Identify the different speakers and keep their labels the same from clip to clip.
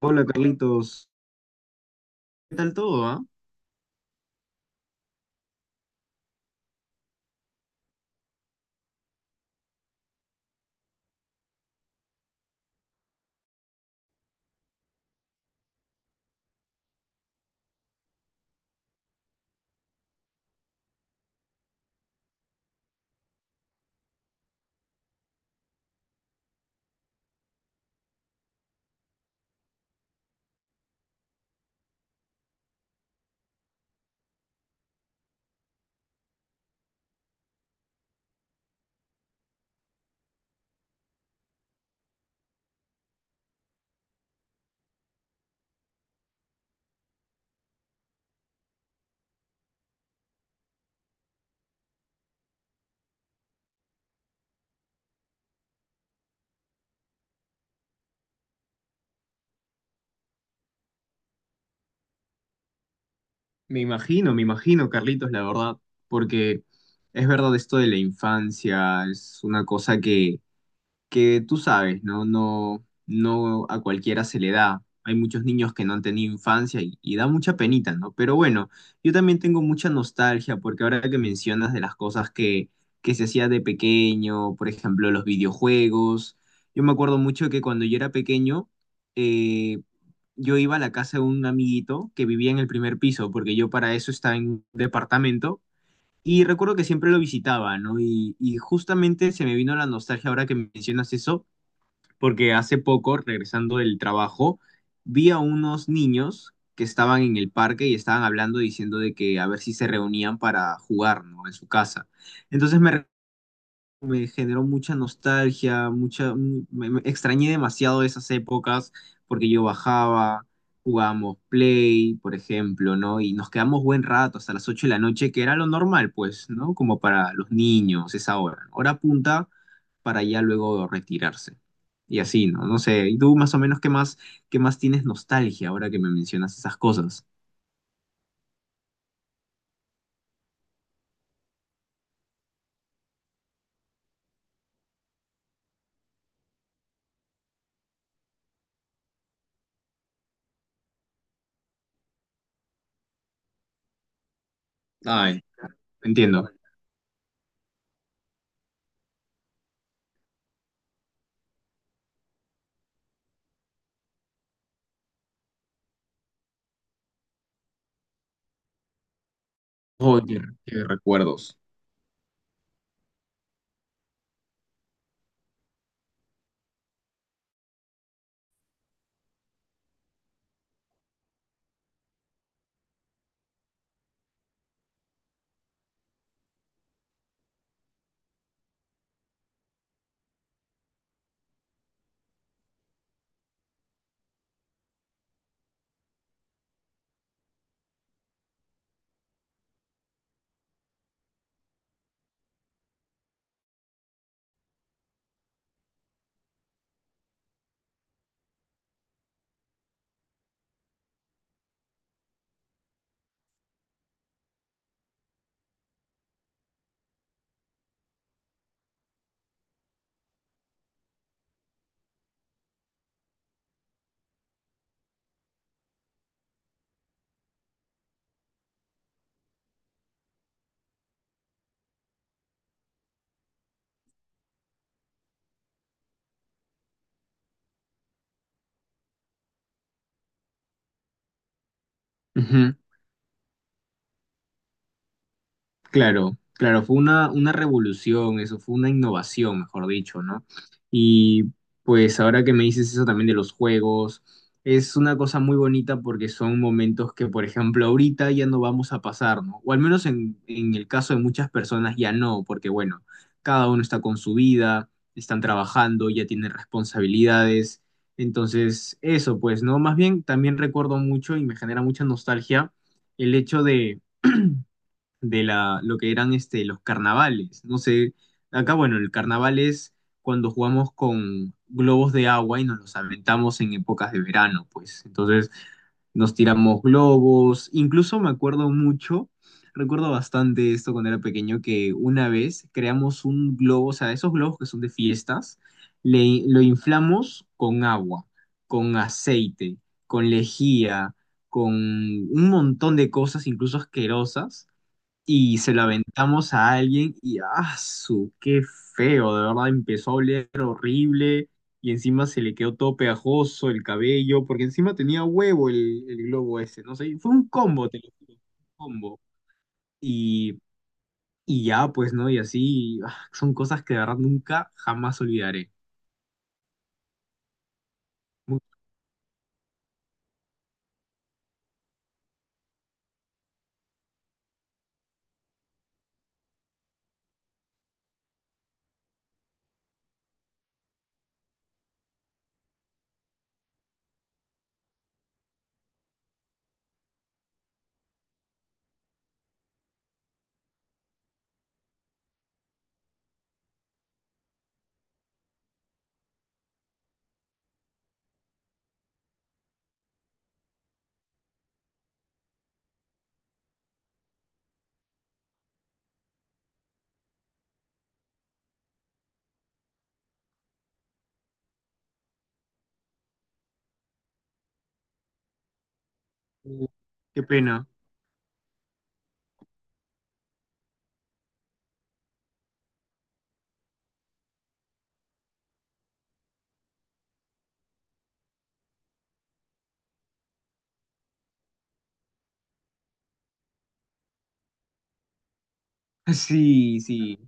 Speaker 1: Hola Carlitos, ¿qué tal todo, ah? Me imagino Carlitos, la verdad, porque es verdad esto de la infancia, es una cosa que tú sabes, ¿no? No, no a cualquiera se le da. Hay muchos niños que no han tenido infancia y da mucha penita, ¿no? Pero bueno, yo también tengo mucha nostalgia porque ahora que mencionas de las cosas que se hacía de pequeño, por ejemplo, los videojuegos, yo me acuerdo mucho que cuando yo era pequeño, eh, yo iba a la casa de un amiguito que vivía en el primer piso, porque yo para eso estaba en un departamento y recuerdo que siempre lo visitaba, ¿no? Y justamente se me vino la nostalgia ahora que mencionas eso, porque hace poco, regresando del trabajo, vi a unos niños que estaban en el parque y estaban hablando diciendo de que a ver si se reunían para jugar, ¿no? En su casa. Entonces me generó mucha nostalgia, mucha, mu- me extrañé demasiado esas épocas porque yo bajaba, jugábamos Play, por ejemplo, ¿no? Y nos quedamos buen rato hasta las 8 de la noche, que era lo normal, pues, ¿no? Como para los niños, esa hora, ¿no? Hora punta para ya luego retirarse. Y así, ¿no? No sé, ¿y tú más o menos qué más tienes nostalgia ahora que me mencionas esas cosas? Ay, entiendo. Oh, qué, qué recuerdos. Ujú. Claro, claro, fue una revolución, eso fue una innovación, mejor dicho, ¿no? Y pues ahora que me dices eso también de los juegos, es una cosa muy bonita porque son momentos que, por ejemplo, ahorita ya no vamos a pasar, ¿no? O al menos en el caso de muchas personas ya no, porque bueno, cada uno está con su vida, están trabajando, ya tienen responsabilidades. Entonces, eso, pues, ¿no? Más bien, también recuerdo mucho y me genera mucha nostalgia el hecho de la, lo que eran este, los carnavales. No sé, acá, bueno, el carnaval es cuando jugamos con globos de agua y nos los aventamos en épocas de verano, pues. Entonces nos tiramos globos. Incluso me acuerdo mucho, recuerdo bastante esto cuando era pequeño, que una vez creamos un globo, o sea, esos globos que son de fiestas, le, lo inflamos con agua, con aceite, con lejía, con un montón de cosas, incluso asquerosas y se la aventamos a alguien y ¡ah, su! ¡Qué feo! De verdad empezó a oler horrible y encima se le quedó todo pegajoso el cabello, porque encima tenía huevo el globo ese, no sé, fue un combo, te lo juro, un combo. Y, y ya, pues, ¿no? Y así, ah, son cosas que de verdad nunca jamás olvidaré. Mu- Qué pena. Sí, sí.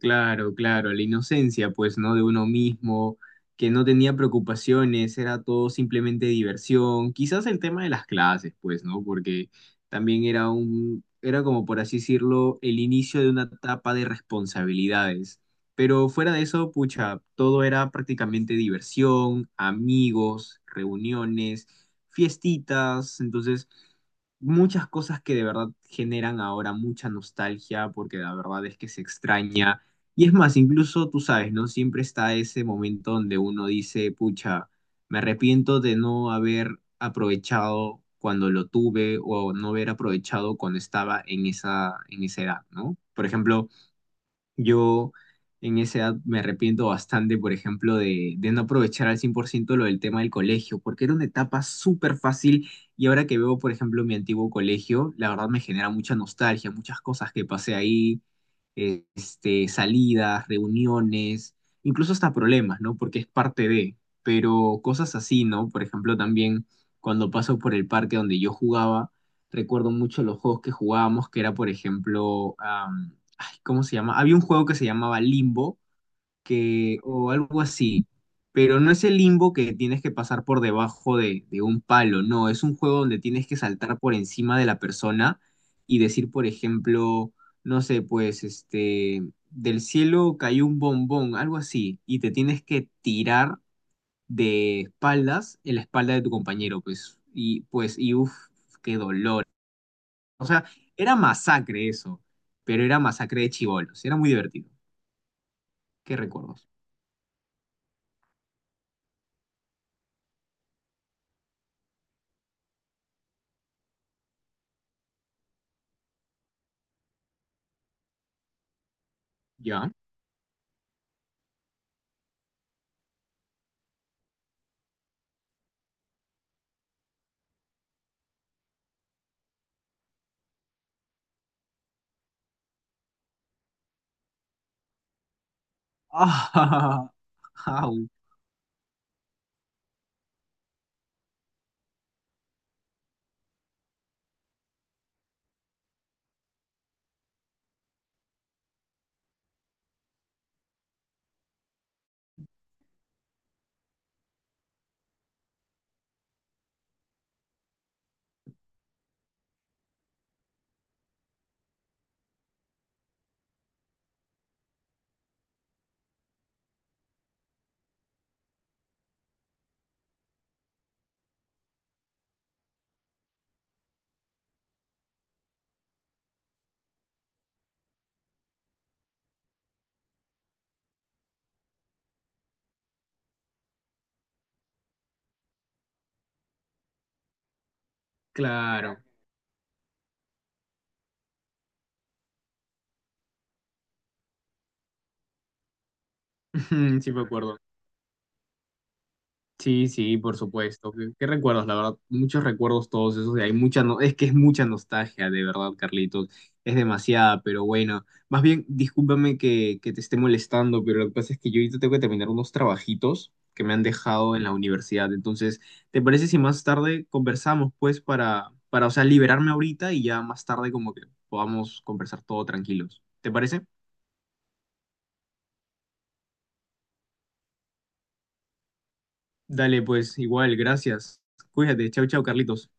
Speaker 1: Claro, claro, la inocencia, pues, ¿no? De uno mismo, que no tenía preocupaciones, era todo simplemente diversión. Quizás el tema de las clases, pues, ¿no? Porque también era un, era como por así decirlo, el inicio de una etapa de responsabilidades. Pero fuera de eso, pucha, todo era prácticamente diversión, amigos, reuniones, fiestitas, entonces muchas cosas que de verdad generan ahora mucha nostalgia, porque la verdad es que se extraña y es más, incluso tú sabes, ¿no? Siempre está ese momento donde uno dice, pucha, me arrepiento de no haber aprovechado cuando lo tuve o no haber aprovechado cuando estaba en esa edad, ¿no? Por ejemplo, yo en esa edad me arrepiento bastante, por ejemplo, de no aprovechar al 100% lo del tema del colegio, porque era una etapa súper fácil y ahora que veo, por ejemplo, mi antiguo colegio, la verdad me genera mucha nostalgia, muchas cosas que pasé ahí, salidas, reuniones, incluso hasta problemas, ¿no? Porque es parte de, pero cosas así, ¿no? Por ejemplo, también cuando paso por el parque donde yo jugaba, recuerdo mucho los juegos que jugábamos, que era, por ejemplo, ay, ¿cómo se llama? Había un juego que se llamaba Limbo, que, o algo así, pero no es el limbo que tienes que pasar por debajo de un palo, no, es un juego donde tienes que saltar por encima de la persona y decir, por ejemplo, no sé, pues, este, del cielo cayó un bombón, algo así, y te tienes que tirar de espaldas en la espalda de tu compañero, pues, y pues, y uff, qué dolor. O sea, era masacre eso, pero era masacre de chibolos, era muy divertido. ¿Qué recuerdos? ¿Ya? Ah, au, claro. Sí me acuerdo. Sí, sí, por supuesto. ¿Qué, qué recuerdos? La verdad, muchos recuerdos todos esos. Y hay mucha, no, es que es mucha nostalgia, de verdad, Carlitos. Es demasiada, pero bueno. Más bien, discúlpame que te esté molestando, pero lo que pasa es que yo ahorita tengo que terminar unos trabajitos que me han dejado en la universidad. Entonces, ¿te parece si más tarde conversamos, pues, para, o sea, liberarme ahorita y ya más tarde como que podamos conversar todo tranquilos? ¿Te parece? Dale, pues, igual, gracias. Cuídate. Chau, chau, Carlitos.